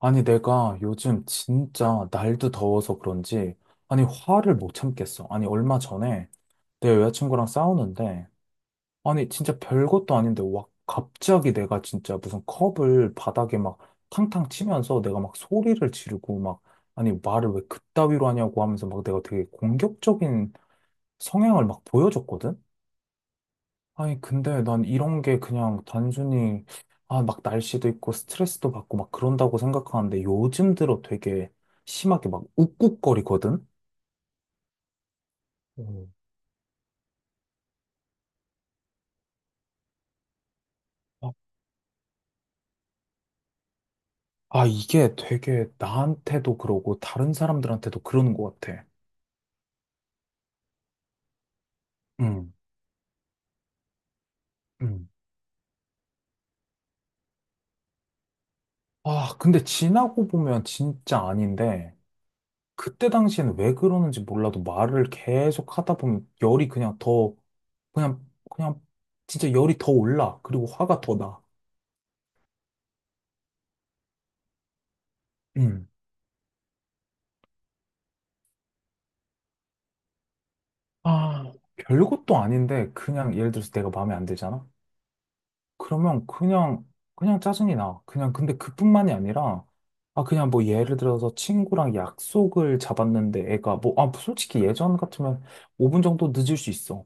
아니, 내가 요즘 진짜 날도 더워서 그런지, 아니, 화를 못 참겠어. 아니, 얼마 전에 내 여자친구랑 싸우는데, 아니, 진짜 별것도 아닌데, 와, 갑자기 내가 진짜 무슨 컵을 바닥에 막 탕탕 치면서 내가 막 소리를 지르고 막, 아니, 말을 왜 그따위로 하냐고 하면서 막 내가 되게 공격적인 성향을 막 보여줬거든? 아니, 근데 난 이런 게 그냥 단순히, 아, 막 날씨도 있고 스트레스도 받고 막 그런다고 생각하는데 요즘 들어 되게 심하게 막 욱욱거리거든? 음. 아, 아, 이게 되게 나한테도 그러고 다른 사람들한테도 그러는 것 같아. 음, 음. 아, 근데 지나고 보면 진짜 아닌데, 그때 당시에는 왜 그러는지 몰라도 말을 계속 하다 보면 열이 그냥 더, 그냥 진짜 열이 더 올라. 그리고 화가 더 나. 아, 별것도 아닌데 그냥 예를 들어서 내가 마음에 안 들잖아? 그러면 그냥 짜증이 나. 그냥 근데 그뿐만이 아니라 아 그냥 뭐 예를 들어서 친구랑 약속을 잡았는데 애가 뭐 아 솔직히 예전 같으면 5분 정도 늦을 수 있어.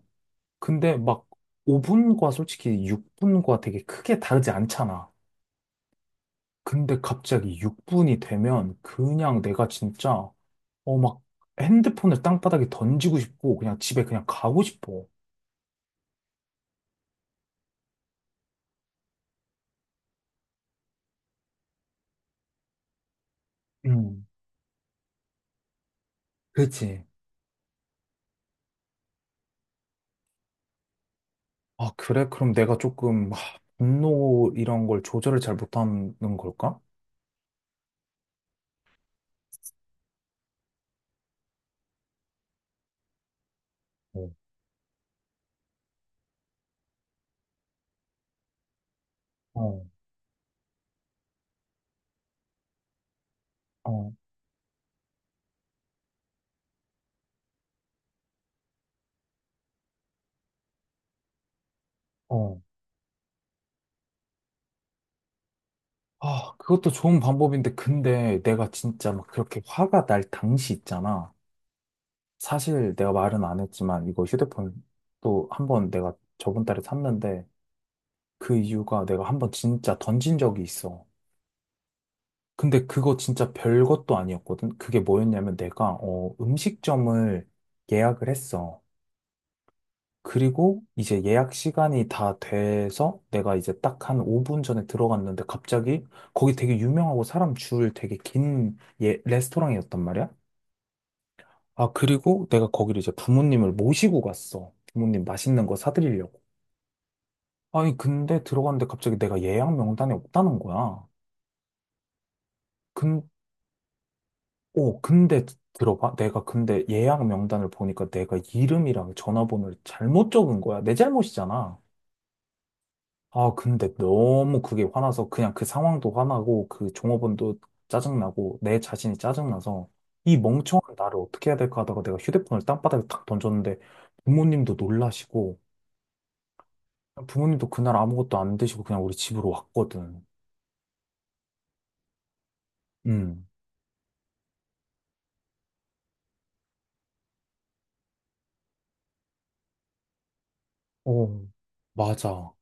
근데 막 5분과 솔직히 6분과 되게 크게 다르지 않잖아. 근데 갑자기 6분이 되면 그냥 내가 진짜 어 막 핸드폰을 땅바닥에 던지고 싶고 그냥 집에 그냥 가고 싶어. 그치. 아, 그래? 그럼 내가 조금, 분노 이런 걸 조절을 잘 못하는 걸까? 어, 어, 어, 어. 아, 그것도 좋은 방법인데, 근데 내가 진짜 막 그렇게 화가 날 당시 있잖아. 사실 내가 말은 안 했지만, 이거 휴대폰 또 한 번 내가 저번 달에 샀는데, 그 이유가 내가 한 번 진짜 던진 적이 있어. 근데 그거 진짜 별것도 아니었거든? 그게 뭐였냐면 내가, 어, 음식점을 예약을 했어. 그리고 이제 예약 시간이 다 돼서 내가 이제 딱 한 5분 전에 들어갔는데 갑자기 거기 되게 유명하고 사람 줄 되게 긴 예, 레스토랑이었단 말이야. 아, 그리고 내가 거기를 이제 부모님을 모시고 갔어. 부모님 맛있는 거 사드리려고. 아니, 근데 들어갔는데 갑자기 내가 예약 명단에 없다는 거야. 근, 오, 근데 들어봐. 내가 근데 예약 명단을 보니까 내가 이름이랑 전화번호를 잘못 적은 거야. 내 잘못이잖아. 아, 근데 너무 그게 화나서 그냥 그 상황도 화나고 그 종업원도 짜증나고 내 자신이 짜증나서 이 멍청한 나를 어떻게 해야 될까 하다가 내가 휴대폰을 땅바닥에 탁 던졌는데 부모님도 놀라시고 부모님도 그날 아무것도 안 드시고 그냥 우리 집으로 왔거든. 음. 어, 맞아.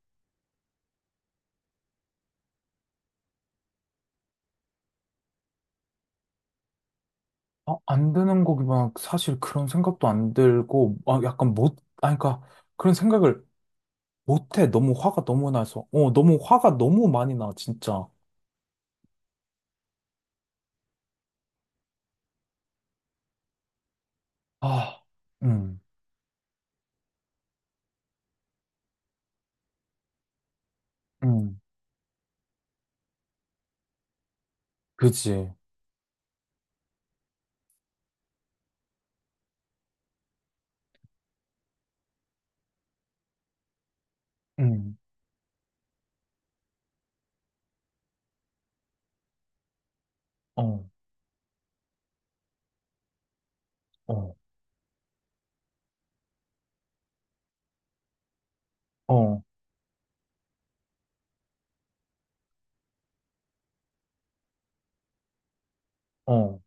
아, 안 되는 거기만 사실 그런 생각도 안 들고, 아, 약간 못, 아니, 그러니까 그런 생각을 못 해. 너무 화가 너무 나서. 어, 너무 화가 너무 많이 나, 진짜. 아, 음. 음, 그지. 음, 어, 어, 어, 어,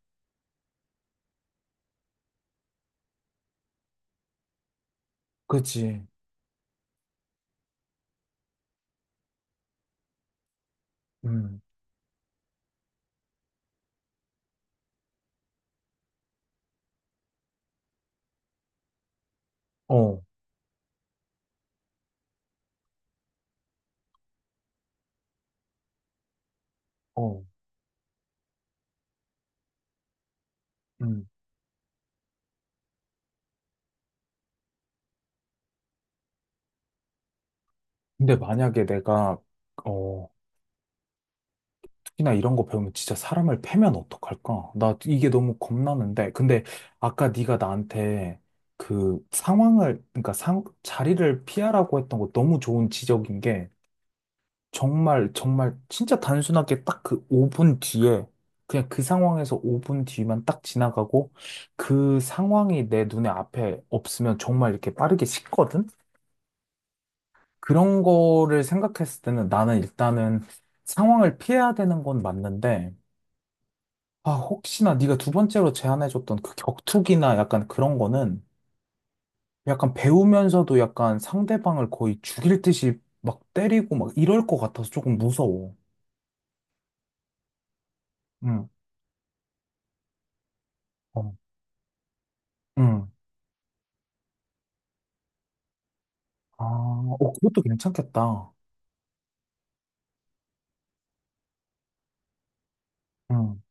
그지. 음, 어, 어, 음. 근데 만약에 내가, 어, 특히나 이런 거 배우면 진짜 사람을 패면 어떡할까? 나 이게 너무 겁나는데. 근데 아까 네가 나한테 그 상황을, 그러니까 자리를 피하라고 했던 거 너무 좋은 지적인 게 정말, 정말, 진짜 단순하게 딱 그 5분 뒤에, 그냥 그 상황에서 5분 뒤만 딱 지나가고, 그 상황이 내 눈에 앞에 없으면 정말 이렇게 빠르게 식거든? 그런 거를 생각했을 때는 나는 일단은 상황을 피해야 되는 건 맞는데, 아, 혹시나 네가 두 번째로 제안해줬던 그 격투기나 약간 그런 거는 약간 배우면서도 약간 상대방을 거의 죽일 듯이 막 때리고 막 이럴 것 같아서 조금 무서워. 응. 어. 응. 아, 어, 그것도 괜찮겠다. 응,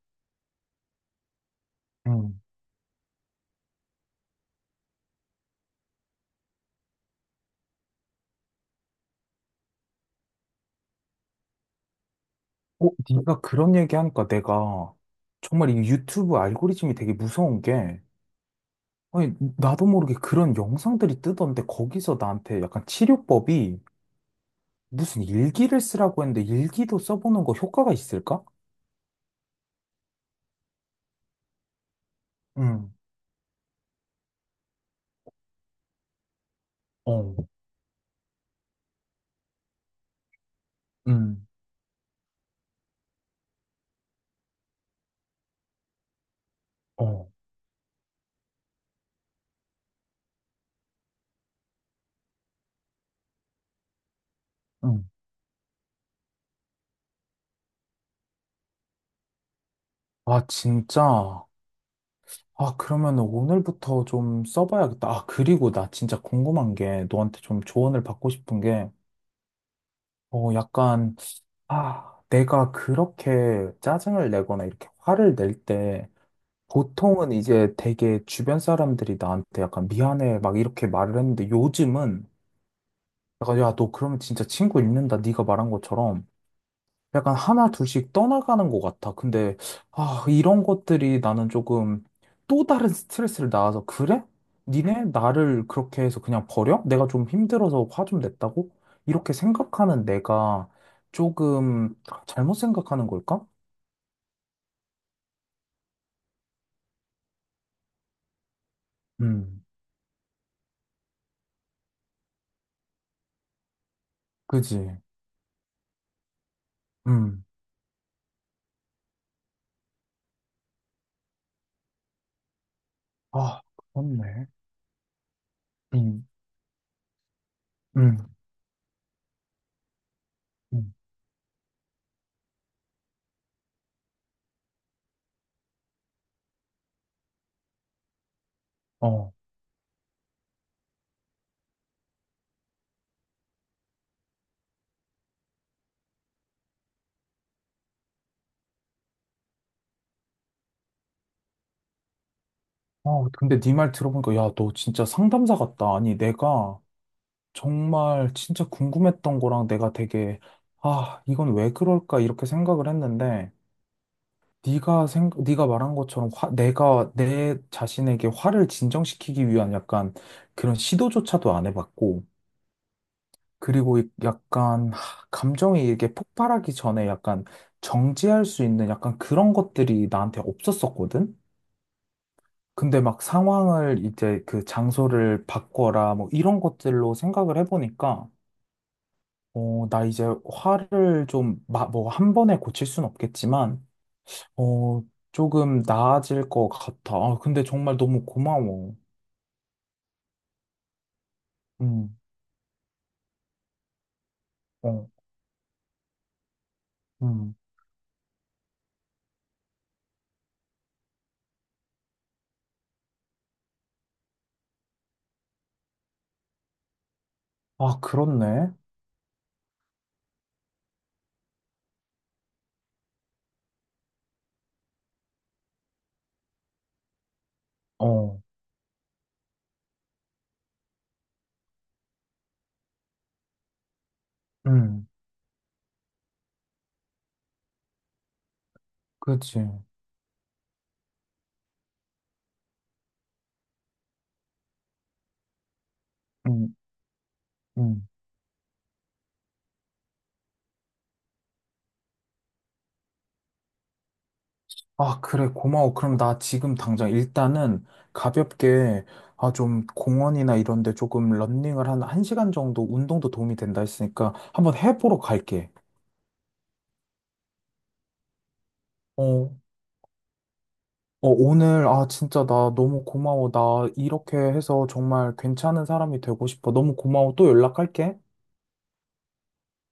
응. 어, 네가 그런 얘기하니까 내가 정말 이 유튜브 알고리즘이 되게 무서운 게, 아니, 나도 모르게 그런 영상들이 뜨던데 거기서 나한테 약간 치료법이 무슨 일기를 쓰라고 했는데 일기도 써보는 거 효과가 있을까? 응, 어, 응, 어, 응. 아, 진짜. 아, 그러면 오늘부터 좀 써봐야겠다. 아, 그리고 나 진짜 궁금한 게 너한테 좀 조언을 받고 싶은 게, 어, 약간 아, 내가 그렇게 짜증을 내거나 이렇게 화를 낼 때, 보통은 이제 되게 주변 사람들이 나한테 약간 미안해 막 이렇게 말을 했는데 요즘은 약간 야, 너 그러면 진짜 친구 잃는다. 네가 말한 것처럼 약간 하나 둘씩 떠나가는 것 같아. 근데, 아, 이런 것들이 나는 조금 또 다른 스트레스를 낳아서, 그래? 니네 나를 그렇게 해서 그냥 버려? 내가 좀 힘들어서 화 좀 냈다고? 이렇게 생각하는 내가 조금 잘못 생각하는 걸까? 음, 그지. 음, 아, 그렇네. 음, 음, 음. 어. 어, 근데 네 말 들어보니까, 야, 너 진짜 상담사 같다. 아니, 내가 정말 진짜 궁금했던 거랑 내가 되게 아, 이건 왜 그럴까 이렇게 생각을 했는데 네가 생 네가 말한 것처럼 내가 내 자신에게 화를 진정시키기 위한 약간 그런 시도조차도 안 해봤고 그리고 약간 감정이 이게 폭발하기 전에 약간 정지할 수 있는 약간 그런 것들이 나한테 없었었거든. 근데 막 상황을 이제 그 장소를 바꿔라 뭐 이런 것들로 생각을 해보니까 어, 나 이제 화를 좀, 뭐, 한 번에 고칠 순 없겠지만, 어, 조금 나아질 것 같아. 아, 근데 정말 너무 고마워. 음, 어, 음. 아, 그렇네. 어, 음, 그치. 음, 음. 아, 그래, 고마워. 그럼 나 지금 당장 일단은 가볍게, 아, 좀 공원이나 이런 데 조금 런닝을 한 1시간 정도 운동도 도움이 된다 했으니까 한번 해보러 갈게. 어, 어, 오늘, 아, 진짜 나 너무 고마워. 나 이렇게 해서 정말 괜찮은 사람이 되고 싶어. 너무 고마워. 또 연락할게.